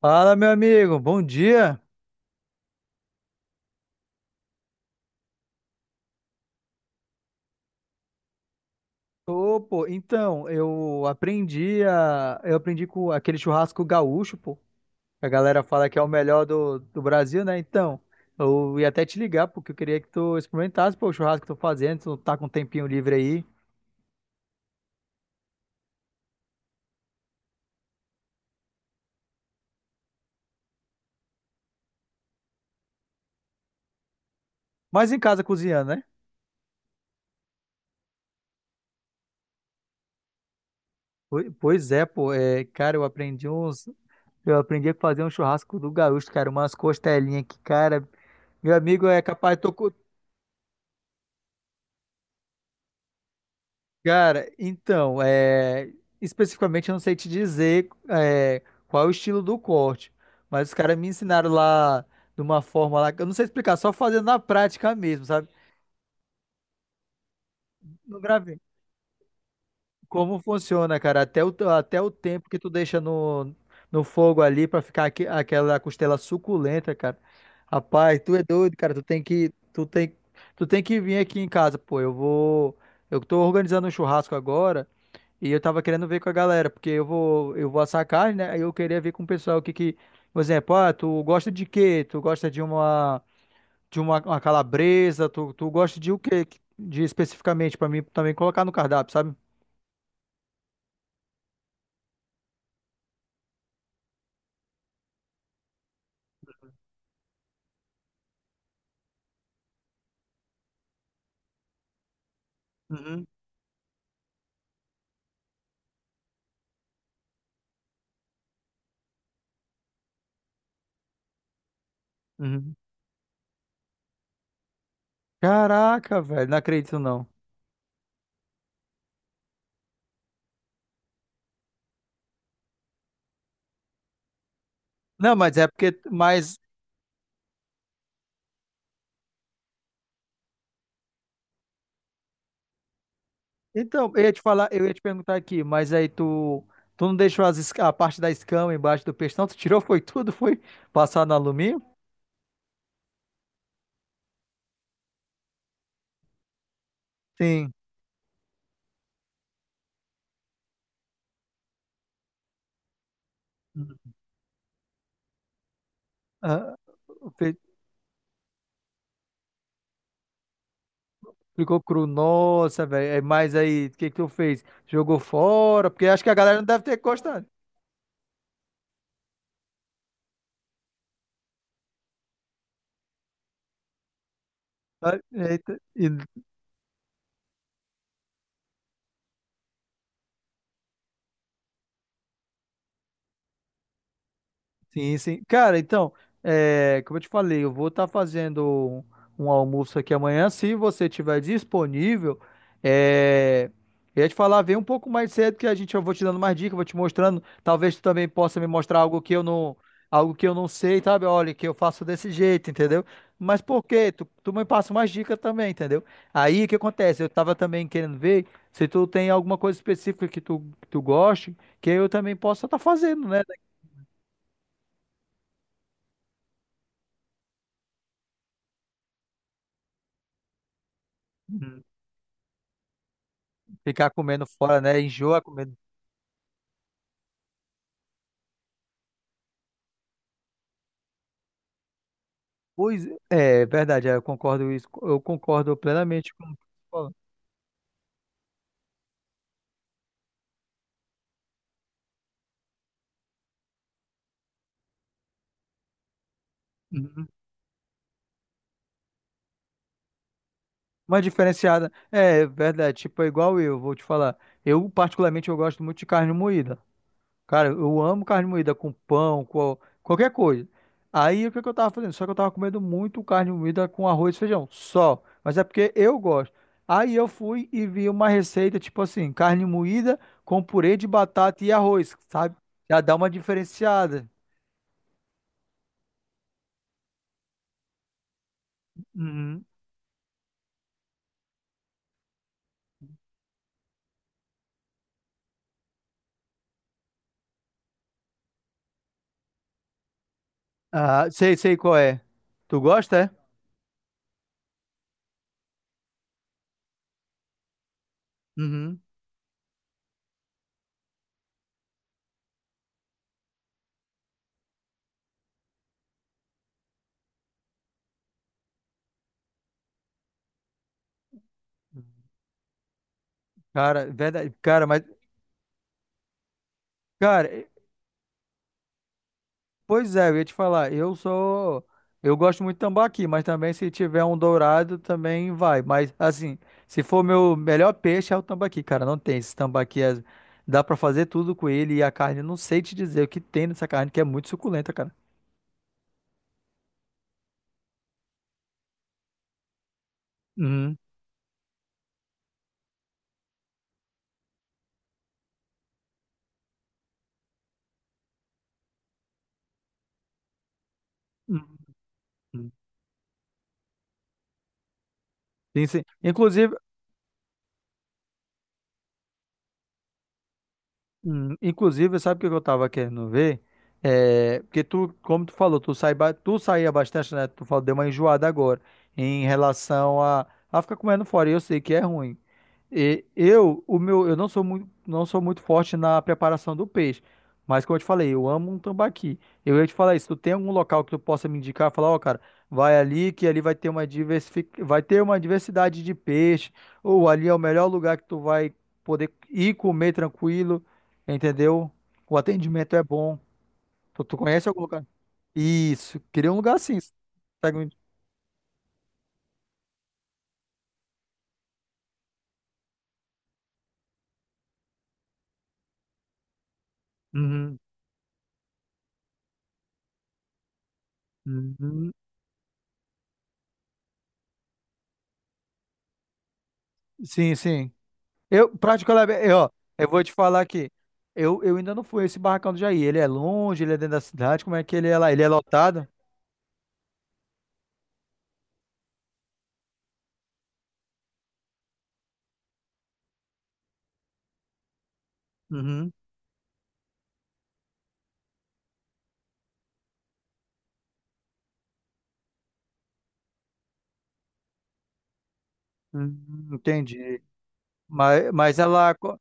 Fala, meu amigo, bom dia. Ô, pô, então, eu aprendi com aquele churrasco gaúcho, pô. Que A galera fala que é o melhor do Brasil, né? Então, eu ia até te ligar, porque eu queria que tu experimentasse, pô, o churrasco que eu tô fazendo, tu tá com um tempinho livre aí. Mas em casa cozinhando, né? Pois é, pô, é, cara, eu aprendi a fazer um churrasco do gaúcho, cara, umas costelinhas que, cara, meu amigo é capaz, tô, Cara, então, é, especificamente eu não sei te dizer é, qual é o estilo do corte, mas os caras me ensinaram lá de uma forma lá, que eu não sei explicar, só fazendo na prática mesmo, sabe? Não gravei. Como funciona, cara, até o tempo que tu deixa no, no fogo ali pra ficar aquela costela suculenta, cara. Rapaz, tu é doido, cara, tu tem que vir aqui em casa, pô, eu vou, eu tô organizando um churrasco agora. E eu tava querendo ver com a galera, porque eu vou assar carne, né? Aí eu queria ver com o pessoal o que que, por exemplo, ah, tu gosta de quê? Tu gosta de uma uma calabresa? Tu gosta de o quê? De especificamente pra mim também colocar no cardápio, sabe? Uhum, uhum. Caraca, velho, não acredito não. Não, mas é porque, mas então, eu ia te falar, eu ia te perguntar aqui, mas aí tu tu não deixou a parte da escama embaixo do peixe, não? Tu tirou foi tudo, foi passar no alumínio? Sim. Ah, ficou cru, nossa, velho. É, mas aí, o que que tu fez? Jogou fora? Porque acho que a galera não deve ter gostado. Ah, eita. E sim, sim. Cara, então, é, como eu te falei, eu vou estar fazendo um almoço aqui amanhã. Se você tiver disponível, é, eu ia te falar, vem um pouco mais cedo que a gente, eu vou te dando mais dicas, vou te mostrando. Talvez tu também possa me mostrar algo que eu não sei, sabe? Olha, que eu faço desse jeito, entendeu? Mas por quê? Tu me passa umas dicas também, entendeu? Aí o que acontece? Eu tava também querendo ver se tu tem alguma coisa específica que tu goste, que eu também possa estar fazendo, né? Ficar comendo fora, né? Enjoa comendo. Pois é, é verdade, é, eu concordo isso, eu concordo plenamente com o que você falou. Uhum. Uma diferenciada, é verdade, tipo, é igual eu, vou te falar. Eu, particularmente, eu gosto muito de carne moída. Cara, eu amo carne moída com pão, com qualquer coisa. Aí o que que eu tava fazendo? Só que eu tava comendo muito carne moída com arroz e feijão, só. Mas é porque eu gosto. Aí eu fui e vi uma receita, tipo assim, carne moída com purê de batata e arroz, sabe? Já dá uma diferenciada. Uhum. Ah, sei, sei qual é. Tu gosta, é? Uhum. Cara, é verdade. Cara, mas, cara, pois é, eu ia te falar, eu sou. Eu gosto muito de tambaqui, mas também se tiver um dourado também vai. Mas assim, se for meu melhor peixe é o tambaqui, cara, não tem. Dá pra fazer tudo com ele e a carne, não sei te dizer o que tem nessa carne, que é muito suculenta, cara. Uhum, uhum, uhum. Sim, sim. Inclusive, inclusive, sabe o que eu tava querendo ver? É, porque tu, como tu falou, tu, sai, tu saía bastante, né? Tu falou, deu uma enjoada agora em relação a ficar comendo fora, e eu sei que é ruim. E eu, o meu, eu não sou muito, não sou muito forte na preparação do peixe, mas como eu te falei, eu amo um tambaqui. Eu ia te falar isso, tu tem algum local que tu possa me indicar, falar, ó, cara, vai ali que ali vai ter uma diversific... vai ter uma diversidade de peixe, ou ali é o melhor lugar que tu vai poder ir comer tranquilo, entendeu? O atendimento é bom. Tu conhece algum lugar? Isso, queria um lugar assim. Segue me- uhum, uhum. Sim, sim. Eu, particularmente, eu, ó, eu vou te falar aqui. Eu ainda não fui a esse barracão do Jair. Ele é longe, ele é dentro da cidade. Como é que ele é lá? Ele é lotado? Uhum. Entendi. Mas, mas ela, co-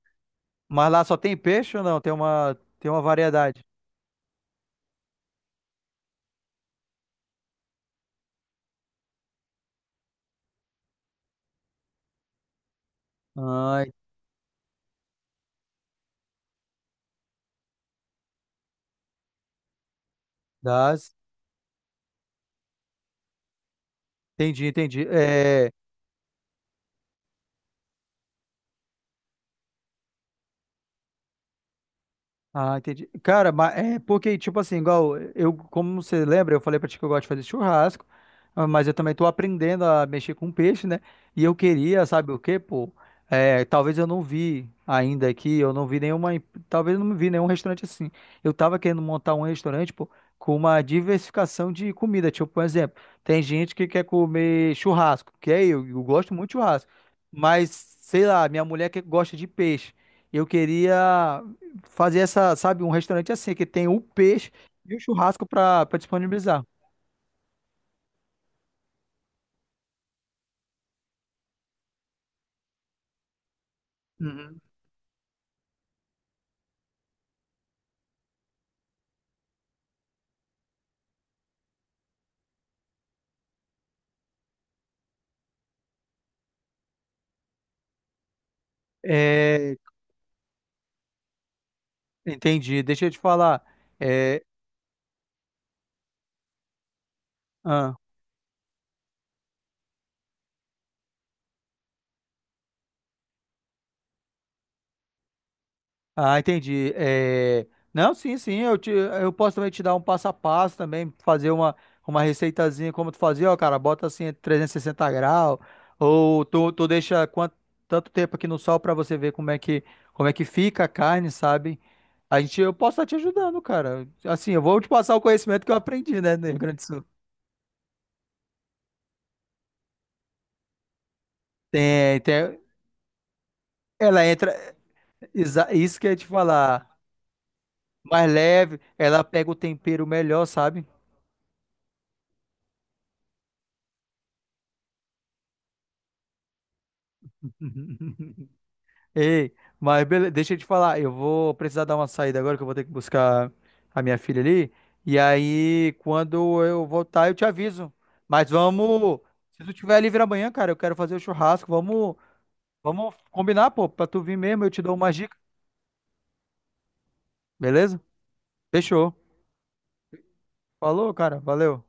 mas lá só tem peixe ou não? Tem uma variedade. Ai, das. Entendi, entendi. É, ah, entendi. Cara, mas é porque, tipo assim, igual eh, eu, como você lembra, eu falei pra ti que eu gosto de fazer churrasco, ah, mas eu também tô aprendendo a mexer com peixe, né? E eu queria, sabe o quê, pô? É, talvez eu não vi ainda aqui, eu não vi nenhuma, em- talvez eu não vi nenhum restaurante assim. Eu tava querendo montar um restaurante, pô, com uma diversificação de comida. Tipo, por exemplo, tem gente que quer comer churrasco, eu gosto muito de churrasco, mas sei lá, minha mulher que gosta de peixe. Eu queria fazer essa, sabe, um restaurante assim, que tem o peixe e o churrasco para disponibilizar. Uhum. É, entendi. Deixa eu te falar. É, ah. Ah, entendi. É, não, sim, sim, eu, te... eu posso também te dar um passo a passo também, fazer uma receitazinha como tu fazia, ó, cara, bota assim 360°, ou tu, tu deixa quanto... tanto tempo aqui no sol pra você ver como é que fica a carne, sabe? A gente, eu posso estar te ajudando, cara. Assim, eu vou te passar o conhecimento que eu aprendi, né, no Rio Grande do Sul. Tem, tem... Ela entra, isso que eu ia te falar, mais leve, ela pega o tempero melhor, sabe? Ei, mas beleza, deixa eu te falar, eu vou precisar dar uma saída agora que eu vou ter que buscar a minha filha ali. E aí, quando eu voltar, eu te aviso. Mas vamos, se tu tiver livre amanhã, cara, eu quero fazer o churrasco. Vamos, vamos combinar, pô, pra tu vir mesmo, eu te dou umas dicas, beleza? Fechou. Falou, cara, valeu.